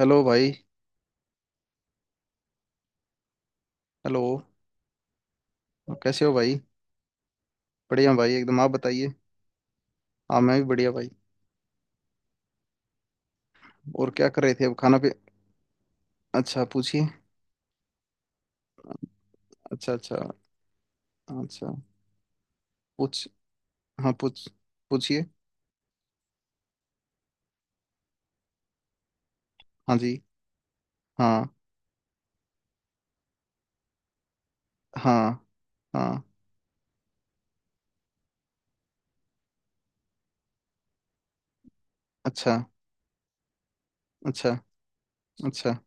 Hello भाई। Hello. कैसे हो भाई? बढ़िया हूँ भाई एकदम। आप बताइए। हाँ, मैं भी बढ़िया भाई। और क्या कर रहे थे? अब खाना पे। अच्छा, पूछिए। अच्छा। अच्छा। अच्छा, पूछ। हाँ, पूछ। पूछिए। हाँ जी। हाँ, हाँ, हाँ। अच्छा। अच्छा। अच्छा।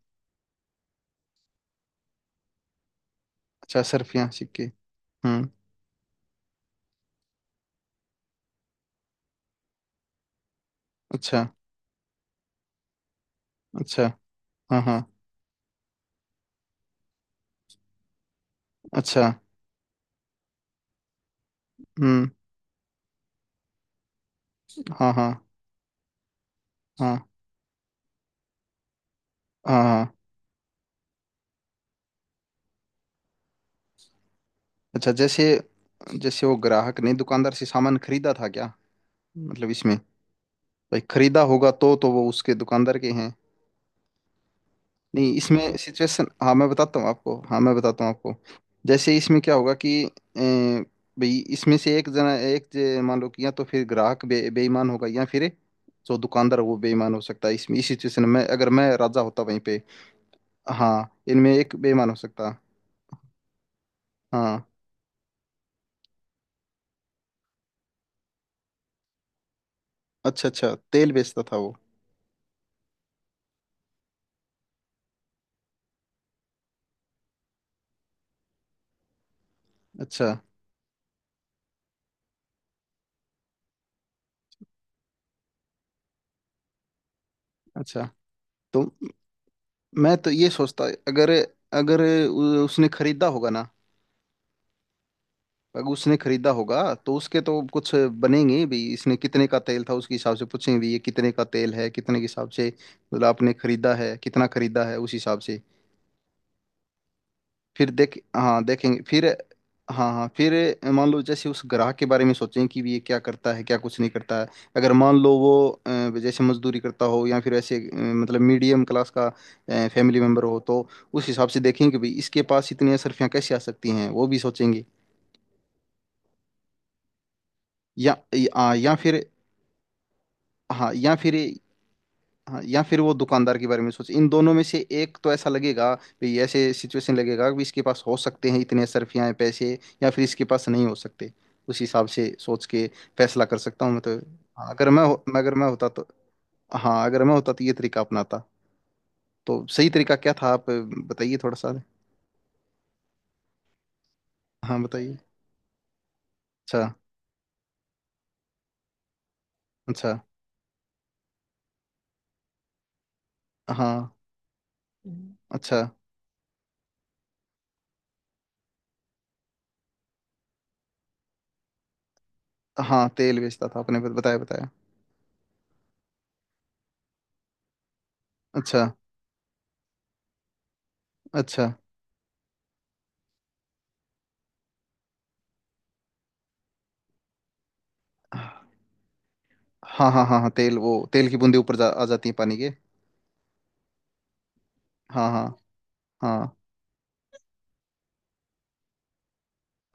अच्छा सरफियाँ सिक्के। हम्म। अच्छा। अच्छा। हाँ, हाँ। अच्छा। हम्म। हाँ, हाँ, हाँ, हाँ। हाँ अच्छा। जैसे जैसे वो ग्राहक ने दुकानदार से सामान खरीदा था क्या? मतलब इसमें, भाई खरीदा होगा तो वो उसके दुकानदार के हैं। नहीं, इसमें सिचुएशन, हाँ मैं बताता हूँ आपको, जैसे इसमें क्या होगा कि भाई इसमें से एक जना मान लो कि या तो फिर ग्राहक बेईमान होगा या फिर जो दुकानदार है वो बेईमान हो सकता है। इसमें इस सिचुएशन में अगर मैं राजा होता वहीं पे। हाँ, इनमें एक बेईमान हो सकता। हाँ, अच्छा। अच्छा तेल बेचता था वो। अच्छा। अच्छा। तो मैं तो ये सोचता, अगर, अगर उसने खरीदा होगा ना। अगर उसने खरीदा होगा तो उसके तो कुछ बनेंगे भी। इसने कितने का तेल था उसके हिसाब से पूछेंगे भी, ये कितने का तेल है, कितने के हिसाब से। मतलब आपने खरीदा है, कितना खरीदा है, उस हिसाब से। फिर देख, हाँ देखेंगे फिर। हाँ, हाँ फिर। मान लो, जैसे उस ग्राहक के बारे में सोचें कि भी ये क्या करता है, क्या कुछ नहीं करता है। अगर मान लो वो जैसे मजदूरी करता हो या फिर ऐसे, मतलब मीडियम क्लास का फैमिली मेम्बर हो, तो उस हिसाब से देखेंगे कि भाई इसके पास इतनी असरफियाँ कैसे आ सकती हैं, वो भी सोचेंगे। या फिर। हाँ। या फिर वो दुकानदार के बारे में सोच, इन दोनों में से एक तो ऐसा लगेगा भी, ऐसे सिचुएशन लगेगा कि इसके पास हो सकते हैं इतने सरफियाँ पैसे, या फिर इसके पास नहीं हो सकते। उस हिसाब से सोच के फैसला कर सकता हूँ मैं तो। हाँ, अगर अगर मैं होता तो, हाँ अगर मैं होता तो ये तरीका अपनाता। तो सही तरीका क्या था, आप बताइए थोड़ा सा। हाँ, बताइए। अच्छा। अच्छा। हाँ। हम्म। अच्छा। हाँ तेल बेचता था, आपने बताया बताया। अच्छा। अच्छा। हाँ, हाँ, हाँ, हाँ तेल, वो तेल की बूंदे ऊपर आ जाती है पानी के। हाँ, हाँ, हाँ,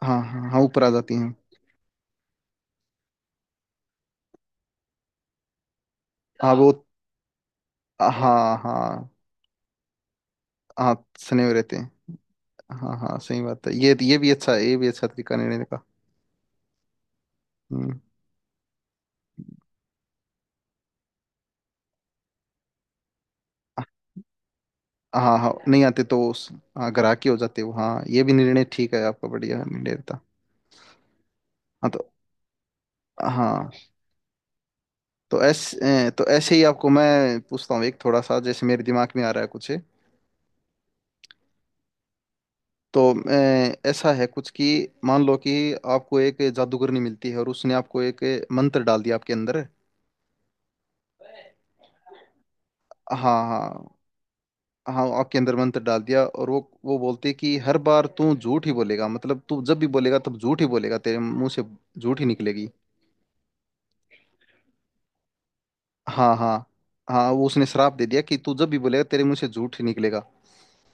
हाँ, हाँ, हाँ ऊपर आ जाती हैं। हाँ वो। हाँ, हाँ, हाँ सने हुए रहते हैं। हाँ, हाँ सही बात है, ये भी अच्छा है, ये भी अच्छा तरीका निर्णय का। हम्म। हाँ, हाँ नहीं आते तो। हाँ ग्राहकी हो जाते हो, हाँ ये भी निर्णय ठीक है, आपका बढ़िया निर्णय था। हाँ तो, हाँ तो ऐसे ही आपको मैं पूछता हूँ एक, थोड़ा सा जैसे मेरे दिमाग में आ रहा है कुछ। तो ऐसा है कुछ कि, मान लो कि आपको एक जादूगरनी मिलती है और उसने आपको एक मंत्र डाल दिया आपके अंदर। हाँ, हाँ। हाँ आपके अंदर मंत्र डाल दिया और वो बोलती है कि हर बार तू झूठ ही बोलेगा, मतलब तू जब भी बोलेगा तब झूठ ही बोलेगा, तेरे मुंह से झूठ ही निकलेगी। हाँ, हाँ। हाँ वो उसने श्राप दे दिया कि तू जब भी बोलेगा तेरे मुंह से झूठ ही निकलेगा।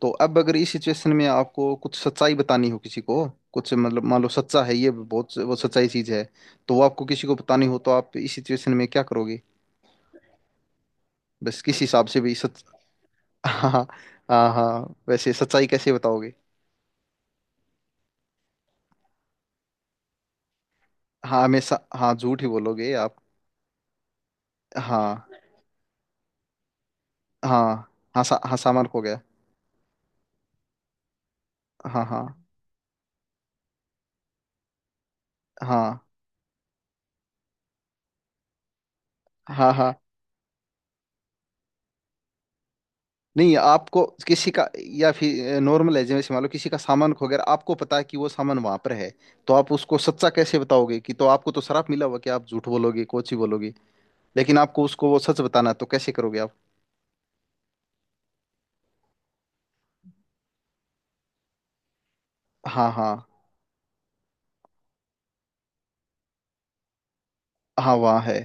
तो अब अगर इस सिचुएशन में आपको कुछ सच्चाई बतानी हो किसी को, कुछ मतलब मान लो सच्चा है ये बहुत, वो सच्चाई चीज है, तो वो आपको किसी को बतानी हो तो आप इस सिचुएशन में क्या करोगे? बस किस हिसाब से भी सच। हाँ, हाँ। हाँ, हाँ, वैसे सच्चाई कैसे बताओगे? हाँ हमेशा, हाँ झूठ ही बोलोगे आप। हाँ, हाँ। हाँ हाँ सामान खो गया। हाँ, हाँ। हाँ, हाँ। हाँ, नहीं आपको किसी का, या फिर नॉर्मल है, जैसे मान लो किसी का सामान खो गया, आपको पता है कि वो सामान वहां पर है, तो आप उसको सच्चा कैसे बताओगे कि? तो आपको तो शराप मिला हुआ कि आप झूठ बोलोगे, कोची बोलोगे, लेकिन आपको उसको वो सच बताना है, तो कैसे करोगे आप? हाँ, हाँ। हाँ वहाँ है,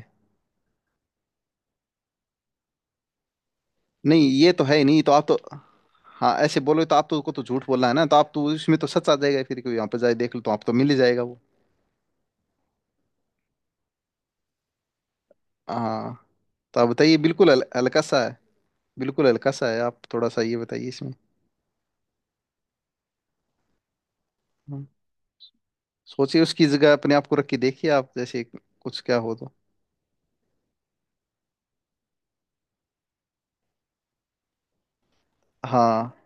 नहीं ये तो है ही नहीं तो आप तो। हाँ ऐसे बोलोगे तो आप तो उसको तो झूठ बोलना है ना, तो आप तो उसमें तो सच आ जाएगा, फिर कोई यहाँ पर जाए देख लो तो आप तो मिल ही जाएगा वो। हाँ तो आप बताइए, बिल्कुल हल्का सा है, बिल्कुल हल्का सा है। आप थोड़ा सा ये बताइए इसमें। हाँ। सोचिए उसकी जगह अपने आप को रख के देखिए, आप जैसे कुछ क्या हो तो। हाँ।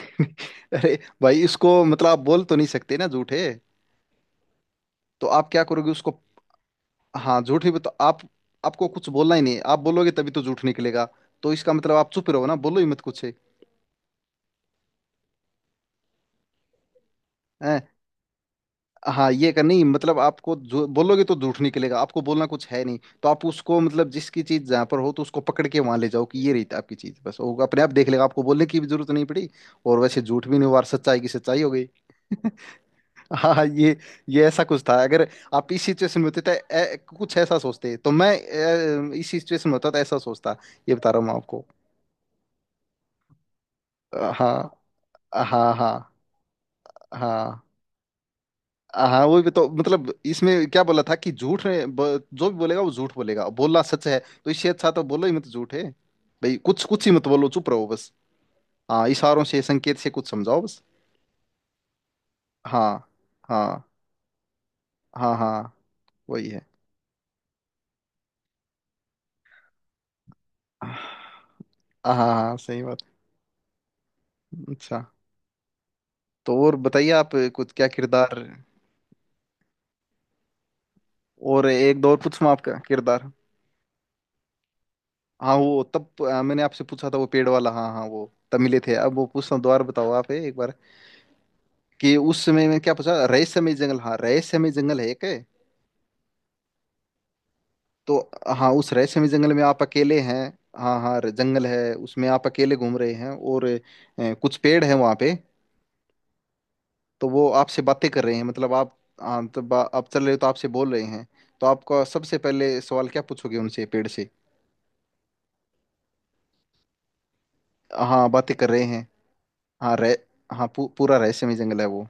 अरे भाई इसको मतलब आप बोल तो नहीं सकते ना, झूठ है, तो आप क्या करोगे उसको? हाँ, झूठ ही तो आप, आपको कुछ बोलना ही नहीं है। आप बोलोगे तभी तो झूठ निकलेगा। तो इसका मतलब आप चुप रहो, ना बोलो ही मत कुछ है। हैं? हाँ, ये कर नहीं, मतलब आपको जो बोलोगे तो झूठ निकलेगा, आपको बोलना कुछ है नहीं, तो आप उसको, मतलब जिसकी चीज जहाँ पर हो तो उसको पकड़ के वहां ले जाओ कि ये रही थी आपकी चीज, बस वो अपने आप देख लेगा, आपको बोलने की भी जरूरत नहीं पड़ी, और वैसे झूठ भी नहीं हुआ, और सच्चाई की सच्चाई हो गई। हाँ, हाँ ये ऐसा कुछ था। अगर आप इस सिचुएशन में होते तो कुछ ऐसा सोचते, तो मैं इस सिचुएशन में होता तो ऐसा सोचता, ये बता रहा हूँ मैं आपको। हाँ, हाँ, हाँ, हाँ। हाँ वही तो, मतलब इसमें क्या बोला था कि झूठ है, जो भी बोलेगा वो झूठ बोलेगा, बोलना सच है, तो इससे अच्छा तो बोलो ही मत झूठ है, भाई कुछ कुछ ही मत बोलो, चुप रहो बस। हाँ, इशारों से, संकेत से कुछ समझाओ बस। हाँ, हाँ, हाँ, हाँ वही है। हाँ, हाँ, हाँ, सही बात। अच्छा, तो और बताइए आप, कुछ क्या किरदार और, एक दो और पूछूं आपका किरदार। हाँ वो तब मैंने आपसे पूछा था वो पेड़ वाला, हाँ हाँ वो तब मिले थे, अब वो पूछता हूँ दोबारा, बताओ आप एक बार कि उस समय में क्या पूछा, रहस्यमय जंगल, हाँ रहस्यमय जंगल है क्या। तो, हाँ उस रहस्यमय जंगल में आप अकेले हैं, हाँ हाँ जंगल है उसमें आप अकेले घूम रहे हैं, और कुछ पेड़ हैं वहाँ पे, तो वो आपसे बातें कर रहे हैं, मतलब आप, हाँ तो आप चल रहे हो तो आपसे बोल रहे हैं, तो आपका सबसे पहले सवाल क्या पूछोगे उनसे, पेड़ से? हाँ, बातें कर रहे हैं। हाँ रह हाँ पूरा रहस्यमय जंगल है वो।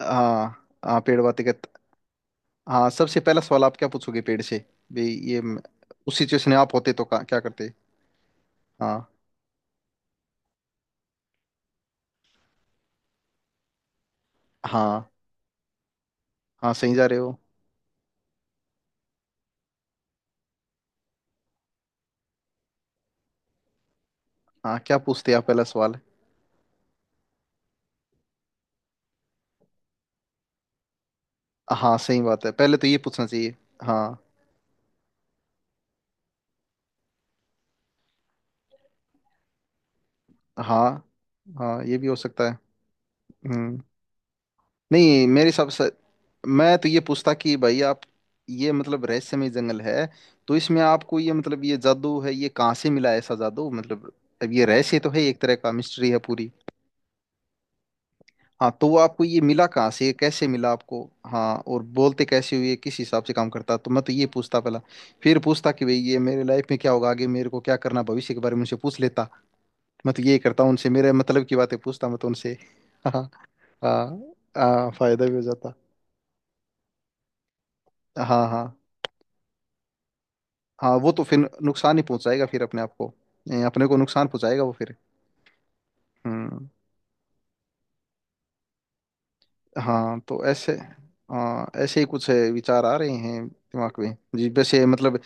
हाँ, हाँ पेड़ बातें कर। हाँ सबसे पहला सवाल आप क्या पूछोगे पेड़ से? भाई ये। उस सिचुएशन में आप होते तो क्या करते? हाँ, हाँ, हाँ सही जा रहे हो। हाँ क्या पूछते आप पहला सवाल? हाँ सही बात है, पहले तो ये पूछना चाहिए। हाँ, हाँ। हाँ ये भी हो सकता है। हम्म। नहीं मेरे हिसाब से, मैं तो ये पूछता कि भाई आप, ये मतलब रहस्यमय जंगल है, तो इसमें आपको ये, मतलब ये जादू है, ये कहाँ से मिला, ऐसा जादू मतलब, अब ये रहस्य तो है, एक तरह का मिस्ट्री है पूरी। हाँ तो वो, आपको ये मिला कहाँ से, ये कैसे मिला आपको, हाँ और बोलते कैसे हुए, किस हिसाब से काम करता, तो मैं तो ये पूछता पहला, फिर पूछता कि भाई ये मेरे लाइफ में क्या होगा आगे, मेरे को क्या करना, भविष्य के बारे में उनसे पूछ लेता। मैं तो यही करता हूँ उनसे, मेरे मतलब की बातें पूछता मैं तो उनसे। हाँ, हाँ, हाँ, फायदा भी हो जाता। हाँ, हाँ। हाँ वो तो फिर नुकसान ही पहुंचाएगा फिर अपने आप को, अपने को नुकसान पहुंचाएगा वो फिर। हम्म। हाँ तो ऐसे, हाँ ऐसे ही कुछ विचार आ रहे हैं दिमाग में जी, वैसे मतलब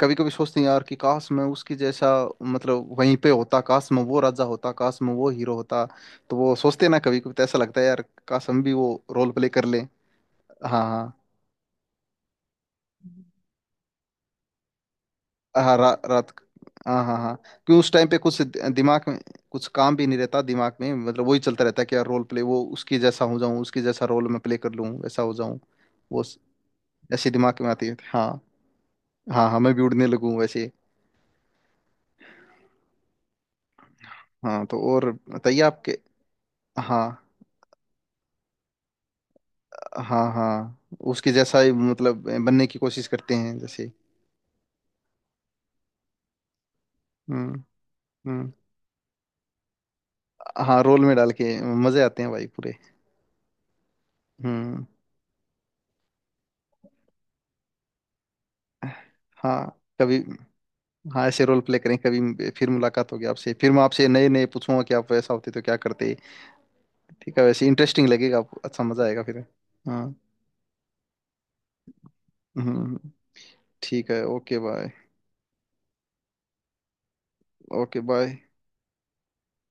कभी कभी सोचते हैं यार कि काश मैं उसकी जैसा, मतलब वहीं पे होता, काश मैं वो राजा होता, काश मैं वो हीरो होता, तो वो सोचते हैं ना कभी कभी, तो ऐसा लगता है यार, काश हम भी वो रोल प्ले कर लें। हाँ, हाँ। हाँ रात, हाँ, हाँ, हाँ। क्यों उस टाइम पे कुछ दिमाग में कुछ काम भी नहीं रहता दिमाग में, मतलब वही चलता रहता है कि यार रोल प्ले वो, उसके जैसा हो जाऊं, उसके जैसा रोल मैं प्ले कर लूं, वैसा हो जाऊं। वो स- ऐसे दिमाग में आती है हाँ। हाँ, हाँ मैं भी उड़ने लगूं वैसे। हाँ, तो और बताइए आपके। हाँ, हाँ। हाँ उसके जैसा ही मतलब बनने की कोशिश करते हैं जैसे। हम्म। हम्म। हाँ रोल में डाल के मजे आते हैं भाई पूरे। हम्म। हाँ कभी। हाँ ऐसे रोल प्ले करें, कभी फिर मुलाकात होगी आपसे, फिर मैं आपसे नए नए पूछूंगा कि आप वैसा होते तो क्या करते। ठीक है, वैसे इंटरेस्टिंग लगेगा आपको, अच्छा मजा आएगा फिर। हाँ। हम्म। ठीक है, ओके बाय। Okay bye.